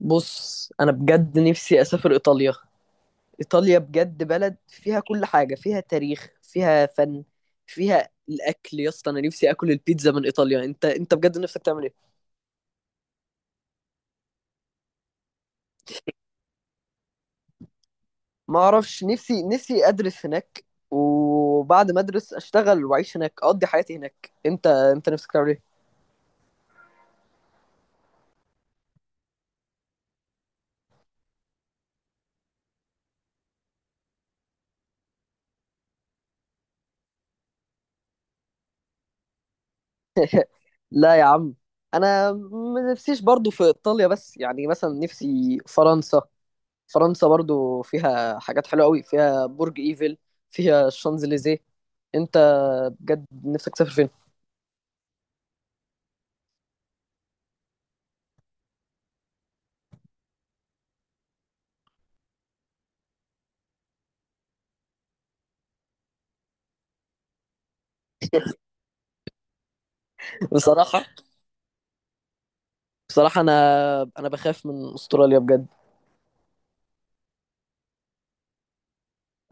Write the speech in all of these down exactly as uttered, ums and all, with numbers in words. بص، انا بجد نفسي اسافر ايطاليا. ايطاليا بجد بلد فيها كل حاجه، فيها تاريخ، فيها فن، فيها الاكل يا اسطى. انا نفسي اكل البيتزا من ايطاليا. انت انت بجد نفسك تعمل ايه؟ ما اعرفش. نفسي نفسي ادرس هناك، وبعد ما ادرس اشتغل واعيش هناك، اقضي حياتي هناك. انت انت نفسك تعمل ايه؟ لا يا عم، انا ما نفسيش برضو في ايطاليا، بس يعني مثلا نفسي فرنسا. فرنسا برضو فيها حاجات حلوة قوي، فيها برج ايفل، فيها الشانزليزيه. انت بجد نفسك تسافر فين؟ بصراحة. بصراحة انا انا بخاف من استراليا بجد.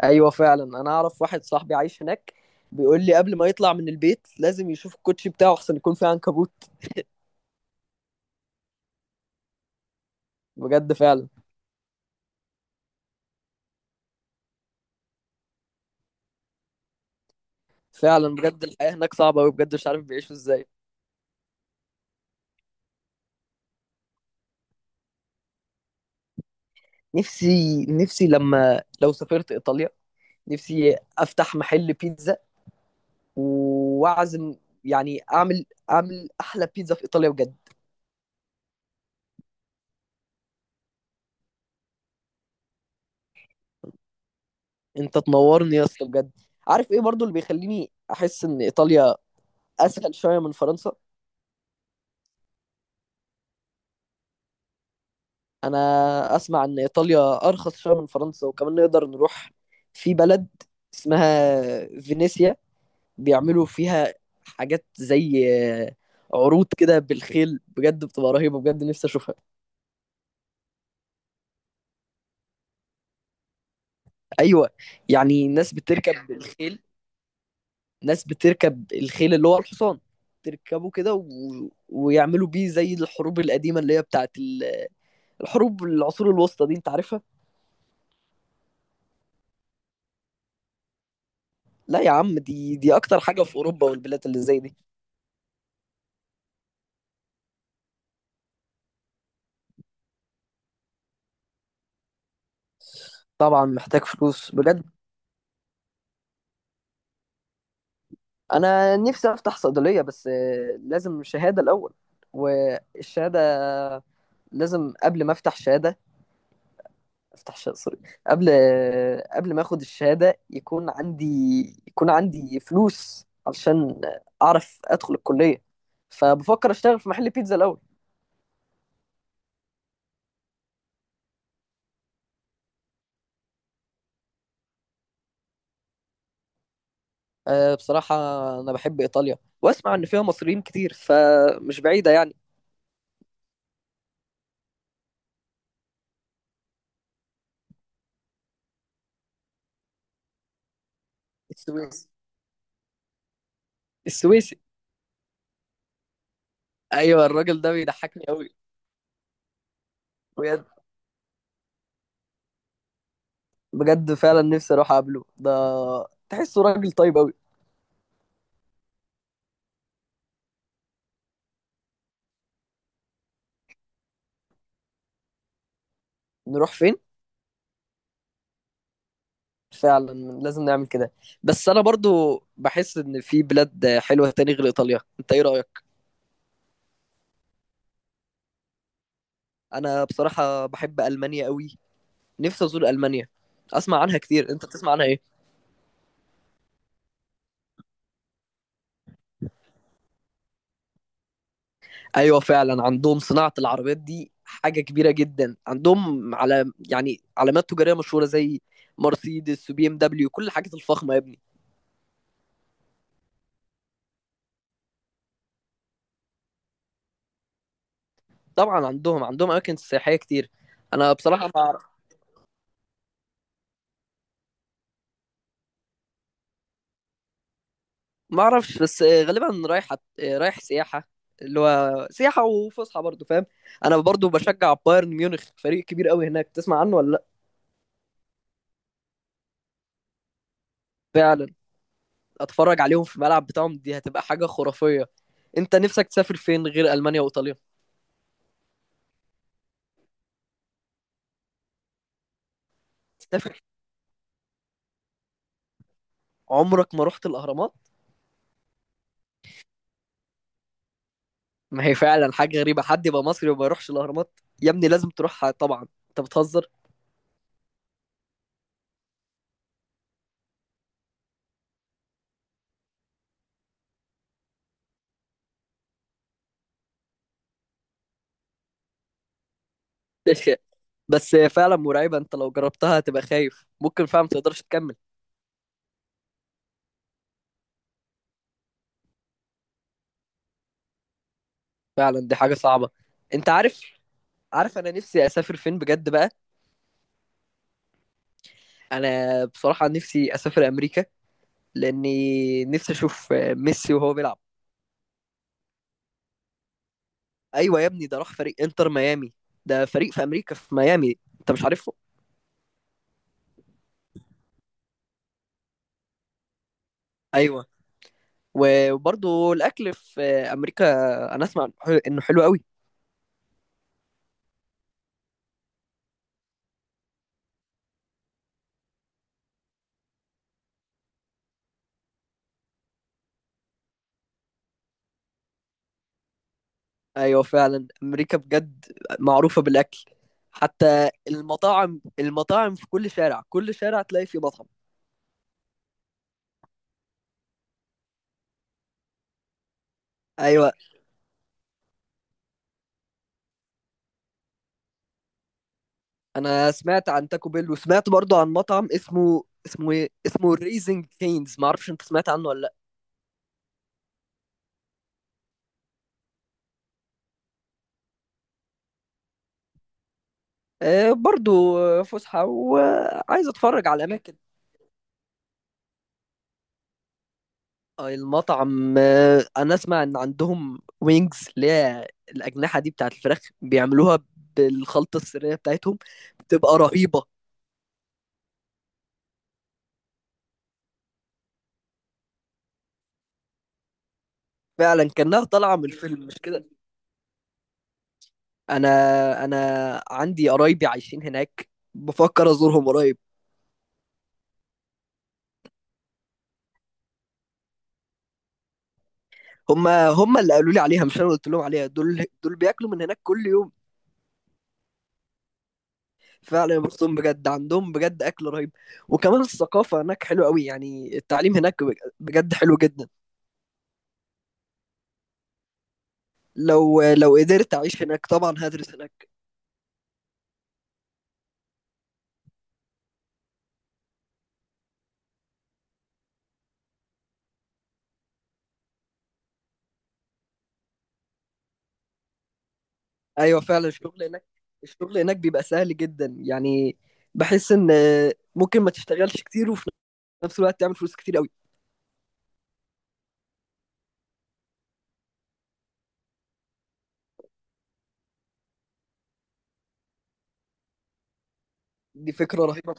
ايوه فعلا، انا اعرف واحد صاحبي عايش هناك، بيقول لي قبل ما يطلع من البيت لازم يشوف الكوتشي بتاعه احسن يكون فيه عنكبوت. بجد فعلا. فعلا بجد الحياة هناك صعبة قوي، بجد مش عارف بيعيشوا ازاي. نفسي نفسي لما لو سافرت ايطاليا، نفسي افتح محل بيتزا، واعزم، يعني اعمل اعمل احلى بيتزا في ايطاليا بجد. انت تنورني يا اسطى بجد. عارف ايه برضو اللي بيخليني احس ان ايطاليا اسهل شويه من فرنسا؟ انا اسمع ان ايطاليا ارخص شويه من فرنسا، وكمان نقدر نروح في بلد اسمها فينيسيا، بيعملوا فيها حاجات زي عروض كده بالخيل، بجد بتبقى رهيبه، بجد نفسي اشوفها. ايوه، يعني الناس بتركب بالخيل. ناس بتركب الخيل اللي هو الحصان، تركبه كده و... ويعملوا بيه زي الحروب القديمة اللي هي بتاعت ال- الحروب العصور الوسطى دي، انت عارفها؟ لا يا عم، دي دي اكتر حاجة في اوروبا والبلاد اللي زي دي. طبعا محتاج فلوس بجد. انا نفسي افتح صيدلية، بس آه، لازم شهادة الاول. والشهادة لازم قبل ما افتح شهادة افتح شقصري، قبل قبل ما اخد الشهادة يكون عندي يكون عندي فلوس علشان اعرف ادخل الكلية. فبفكر اشتغل في محل بيتزا الاول. أه، بصراحة انا بحب ايطاليا، واسمع ان فيها مصريين كتير، فمش بعيدة يعني. السويس السويسي ايوه الراجل ده بيضحكني قوي. بجد. بجد فعلا نفسي اروح اقابله ده، تحسه راجل طيب قوي. نروح فين؟ فعلا لازم نعمل كده. بس انا برضو بحس ان في بلاد حلوه تاني غير ايطاليا، انت ايه رايك؟ انا بصراحه بحب المانيا قوي، نفسي ازور المانيا، اسمع عنها كتير. انت بتسمع عنها ايه؟ ايوه فعلا، عندهم صناعه العربيات دي حاجه كبيره جدا عندهم، على يعني علامات تجاريه مشهوره زي مرسيدس وبي ام دبليو، كل الحاجات الفخمه يا ابني. طبعا عندهم عندهم اماكن سياحيه كتير. انا بصراحه ما اعرفش، بس آه، غالبا رايح أت- آه، رايح سياحه، اللي هو سياحه وفسحه برضه، فاهم؟ انا برضه بشجع بايرن ميونخ، فريق كبير قوي هناك، تسمع عنه ولا لا؟ فعلا، اتفرج عليهم في الملعب بتاعهم دي هتبقى حاجه خرافيه. انت نفسك تسافر فين غير المانيا وايطاليا؟ تسافر، عمرك ما رحت الاهرامات؟ ما هي فعلا حاجه غريبه حد يبقى مصري وما يروحش الاهرامات. يا ابني لازم تروحها طبعا، انت بتهزر. بس هي فعلا مرعبه، انت لو جربتها هتبقى خايف، ممكن فعلا ما تقدرش تكمل. فعلا دي حاجه صعبه. انت عارف، عارف انا نفسي اسافر فين بجد بقى؟ انا بصراحة نفسي اسافر امريكا، لاني نفسي اشوف ميسي وهو بيلعب. ايوه يا ابني، ده راح فريق انتر ميامي، ده فريق في امريكا في ميامي، انت مش عارفه؟ ايوه. و- وبرضه الاكل في امريكا، انا اسمع إنه حلو- انه حلو قوي. ايوه فعلا امريكا بجد معروفة بالاكل، حتى المطاعم. المطاعم في كل شارع، كل شارع تلاقي فيه مطعم. ايوه انا سمعت عن تاكو بيل، وسمعت برضو عن مطعم اسمه اسمه ايه، اسمه ريزنج كينز، ما اعرفش انت سمعت عنه ولا لا. آه برضو، آه، فسحه وعايز اتفرج على اماكن. آه، المطعم، آه، انا اسمع ان عندهم وينجز، اللي هي الاجنحه دي بتاعت الفراخ، بيعملوها بالخلطه السريه بتاعتهم، بتبقى رهيبه. فعلا كانها طالعه من الفيلم، مش كده؟ انا انا عندي قرايبي عايشين هناك، بفكر ازورهم قريب. هم هم اللي قالوا لي عليها، مش انا اللي قلت لهم عليها. دول دول بياكلوا من هناك كل يوم. فعلا يا بختهم بجد، عندهم بجد اكل رهيب، وكمان الثقافه هناك حلوه قوي، يعني التعليم هناك بجد حلو جدا. لو لو قدرت اعيش هناك طبعا هدرس هناك. ايوه فعلا الشغل هناك. الشغل هناك بيبقى سهل جدا، يعني بحس ان ممكن ما تشتغلش كتير وفي نفس الوقت تعمل فلوس كتير قوي. دي فكره رهيبه.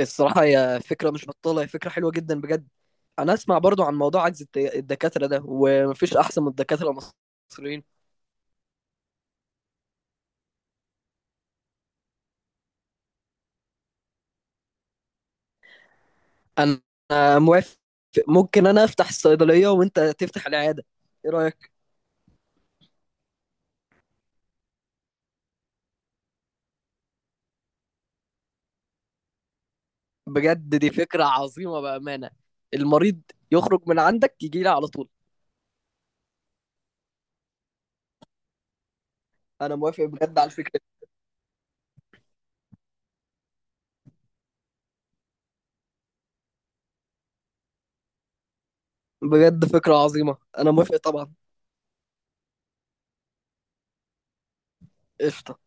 الصراحة هي فكرة مش بطالة، هي فكرة حلوة جدا بجد. أنا أسمع برضو عن موضوع عجز الت- الدكاترة ده، ومفيش أحسن من الدكاترة المصريين. أنا موافق، ممكن أنا أفتح الصيدلية وأنت تفتح العيادة. إيه رأيك؟ بجد دي فكرة عظيمة بأمانة. المريض يخرج من عندك يجي لي على طول. أنا موافق بجد على الفكرة. بجد فكرة عظيمة، أنا موافق طبعا. قشطة.